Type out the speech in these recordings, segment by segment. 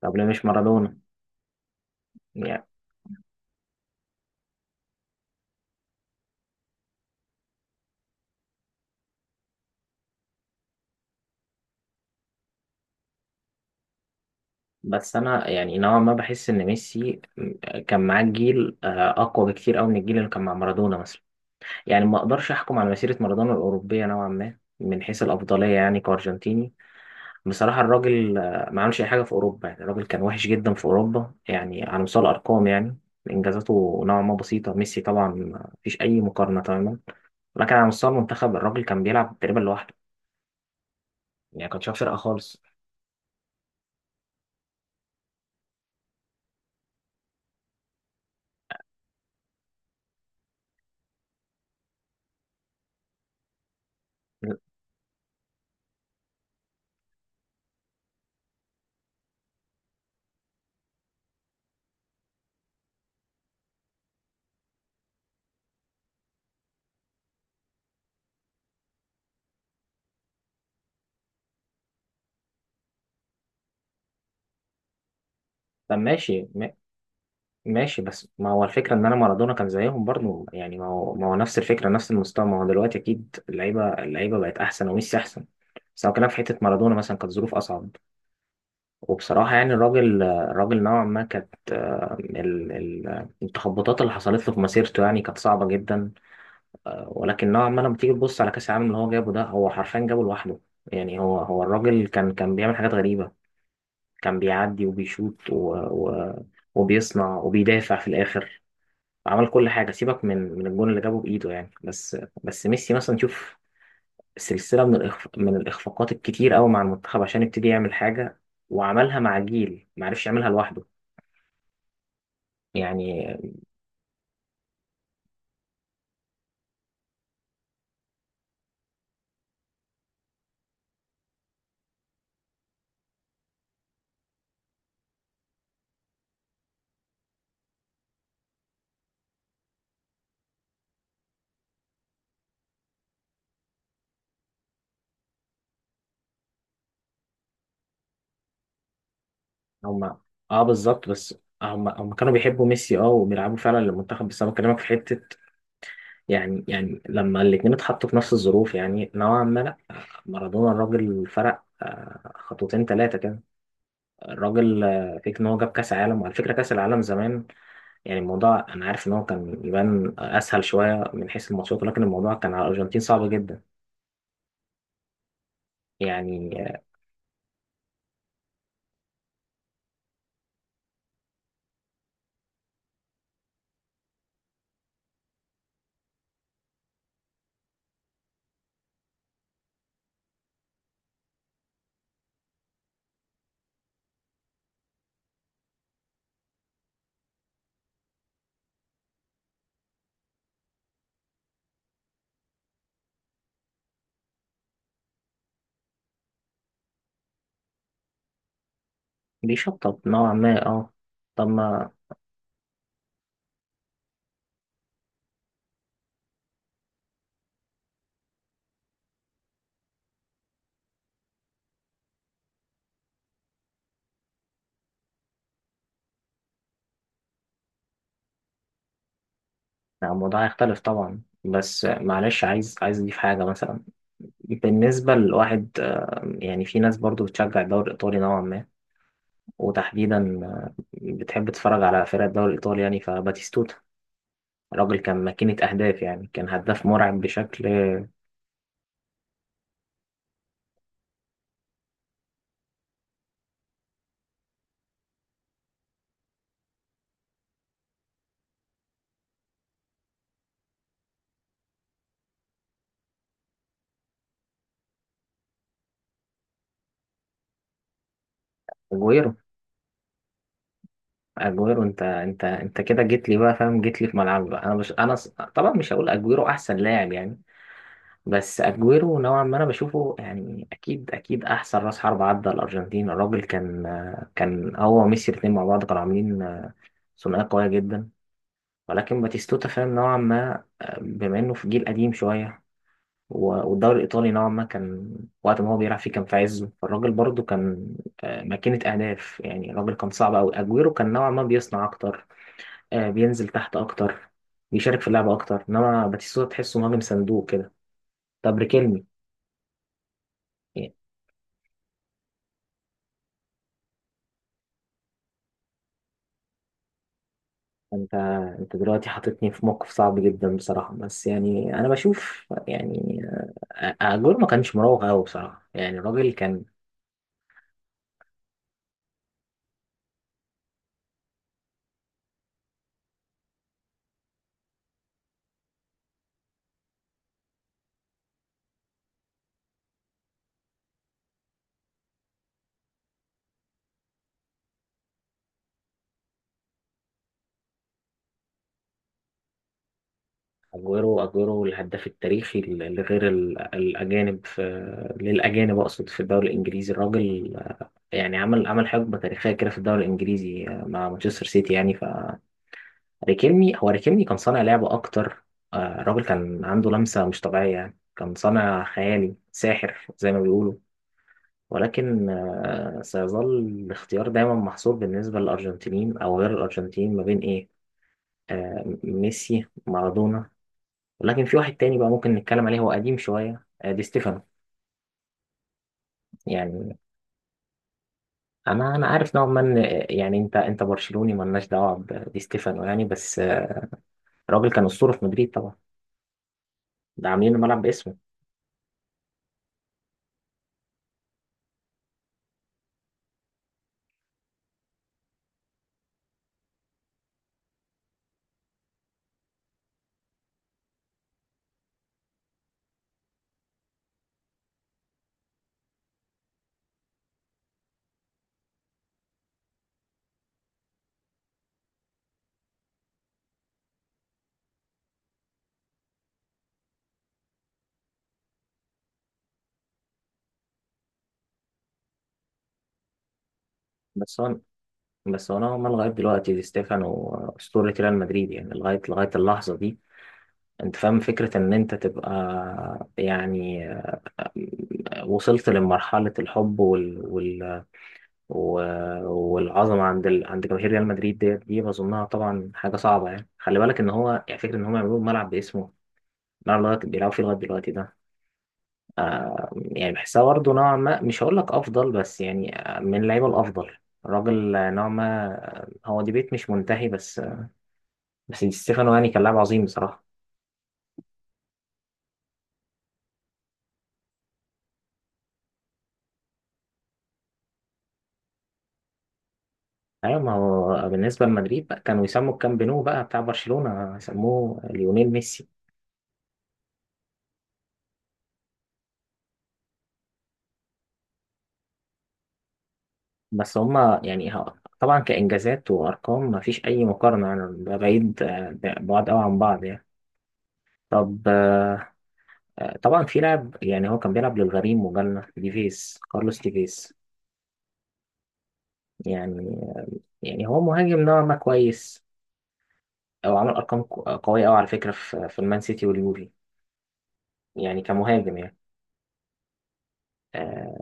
طب ليه مش مارادونا؟ يعني، بس انا يعني نوعا ما بحس ان ميسي كان معاه جيل اقوى بكتير قوي من الجيل اللي كان مع مارادونا مثلا. يعني ما اقدرش احكم على مسيره مارادونا الاوروبيه نوعا ما من حيث الافضليه، يعني كارجنتيني بصراحه الراجل ما عملش اي حاجه في اوروبا. يعني الراجل كان وحش جدا في اوروبا، يعني على مستوى الارقام، يعني انجازاته نوعا ما بسيطه. ميسي طبعا مفيش اي مقارنه تماما، لكن على مستوى المنتخب الراجل كان بيلعب تقريبا لوحده، يعني كان شايل فرقه خالص. طب ماشي. ماشي، بس ما هو الفكرة إن أنا مارادونا كان زيهم برضه. يعني ما هو نفس الفكرة نفس المستوى. ما هو دلوقتي أكيد اللعيبة اللعيبة بقت أحسن وميسي أحسن، بس هو كلام في حتة. مارادونا مثلا كانت ظروف أصعب، وبصراحة يعني الراجل نوعا ما كانت التخبطات اللي حصلت له في مسيرته يعني كانت صعبة جدا. ولكن نوعا ما لما تيجي تبص على كأس العالم اللي هو جابه، ده هو حرفيا جابه لوحده. يعني هو الراجل كان بيعمل حاجات غريبة. كان بيعدي وبيشوط وبيصنع وبيدافع في الآخر. عمل كل حاجه، سيبك من الجون اللي جابه بايده يعني. بس ميسي مثلا شوف، سلسله من الاخفاقات الكتير قوي مع المنتخب عشان يبتدي يعمل حاجه، وعملها مع جيل ما عرفش يعملها لوحده يعني. هم، اه، بالظبط. بس هم كانوا بيحبوا ميسي اه وبيلعبوا فعلا للمنتخب، بس انا بكلمك في حته. يعني لما الاثنين اتحطوا في نفس الظروف يعني نوعا ما لا. مارادونا الراجل فرق خطوتين ثلاثه كده. الراجل فكره ان هو جاب كاس عالم، وعلى فكره كاس العالم زمان يعني الموضوع، انا عارف ان هو كان يبان اسهل شويه من حيث الماتشات، ولكن الموضوع كان على الارجنتين صعب جدا يعني. بيشطط نوعا ما اه. طب ما يعني الموضوع هيختلف طبعا، بس معلش عايز اضيف حاجه مثلا. بالنسبه لواحد يعني في ناس برضو بتشجع الدوري الايطالي نوعا ما، وتحديدا بتحب تتفرج على فرق الدوري الايطالي. يعني فباتيستوتا الراجل كان ماكينه اهداف، يعني كان هداف مرعب بشكل اجويرو اجويرو انت كده جيت لي بقى فاهم، جيت لي في ملعبي بقى. انا مش انا ص- طبعا مش هقول اجويرو احسن لاعب يعني، بس اجويرو نوعا ما انا بشوفه يعني اكيد احسن راس حرب عدى الارجنتين. الراجل كان هو وميسي الاثنين مع بعض كانوا عاملين ثنائيه قويه جدا. ولكن باتيستوتا فاهم نوعا ما، بما انه في جيل قديم شويه والدوري الايطالي نوعا ما كان وقت ما هو بيلعب فيه كان في عزه، فالراجل برضه كان ماكينه اهداف، يعني الراجل كان صعب قوي. اجويرو كان نوعا ما بيصنع اكتر، بينزل تحت اكتر، بيشارك في اللعبه اكتر، انما باتيستوتا تحسه مهاجم صندوق كده. طب ريكيلمي. يعني انت دلوقتي حاططني في موقف صعب جدا بصراحه، بس يعني انا بشوف يعني اجويرو ما كانش مراوغ قوي بصراحه، يعني الراجل كان. اجويرو الهداف التاريخي لغير الاجانب، في للاجانب اقصد في الدوري الانجليزي. الراجل يعني عمل حقبه تاريخيه كده في الدوري الانجليزي مع مانشستر سيتي يعني. ريكيلمي هو ريكيلمي كان صانع لعبة أكتر. الراجل كان عنده لمسة مش طبيعية، يعني كان صانع خيالي ساحر زي ما بيقولوا. ولكن سيظل الاختيار دايما محصور بالنسبة للأرجنتينيين أو غير الأرجنتينيين ما بين إيه، ميسي مارادونا. ولكن في واحد تاني بقى ممكن نتكلم عليه، هو قديم شوية دي ستيفانو. يعني أنا عارف نوعا ما إن يعني أنت برشلوني مالناش دعوة بدي ستيفانو يعني، بس الراجل كان أسطورة في مدريد طبعا، ده عاملين الملعب باسمه. بس هو بس هو نوعا ما لغاية دلوقتي دي ستيفانو أسطورة ريال مدريد، يعني لغاية اللحظة دي. أنت فاهم فكرة إن أنت تبقى يعني وصلت لمرحلة الحب و- والعظمة عند عند جماهير ريال مدريد ديت دي، بظنها طبعا حاجة صعبة، يعني خلي بالك إن هو يعني فكرة إن هم يعملوا ملعب باسمه، الملعب اللي هو بيلعبوا فيه لغاية دلوقتي ده. يعني بحسها برضه نوعا ما، مش هقول لك أفضل بس يعني من اللعيبة الأفضل. الراجل نوعا ما هو ديبيت مش منتهي، بس دي ستيفانو يعني كان لاعب عظيم بصراحة. أيوة، ما هو بالنسبة لمدريد بقى كانوا يسموا الكامب نو بقى بتاع برشلونة يسموه ليونيل ميسي. بس هما يعني طبعا كإنجازات وأرقام ما فيش أي مقارنة يعني، ده بعيد ده بعاد أوي عن بعض يعني. طب طبعا في لاعب يعني هو كان بيلعب للغريم وجالنا ديفيز، كارلوس ديفيز يعني يعني هو مهاجم نوعا ما كويس، أو عمل أرقام قوية أوي على فكرة في المان سيتي واليوفي، يعني كمهاجم يعني آه،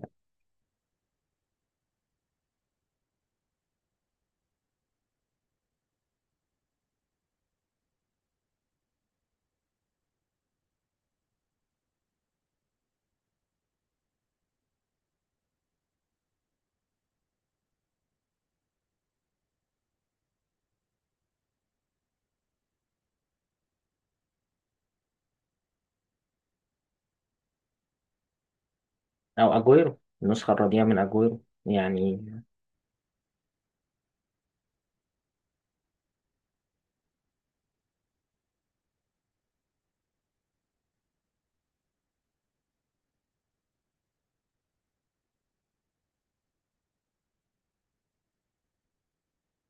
او اجويرو النسخه الرديئه من اجويرو يعني.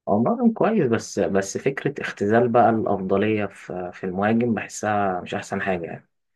هو مهاجم كويس، بس فكره اختزال بقى الافضليه في المهاجم بحسها مش احسن حاجه يعني.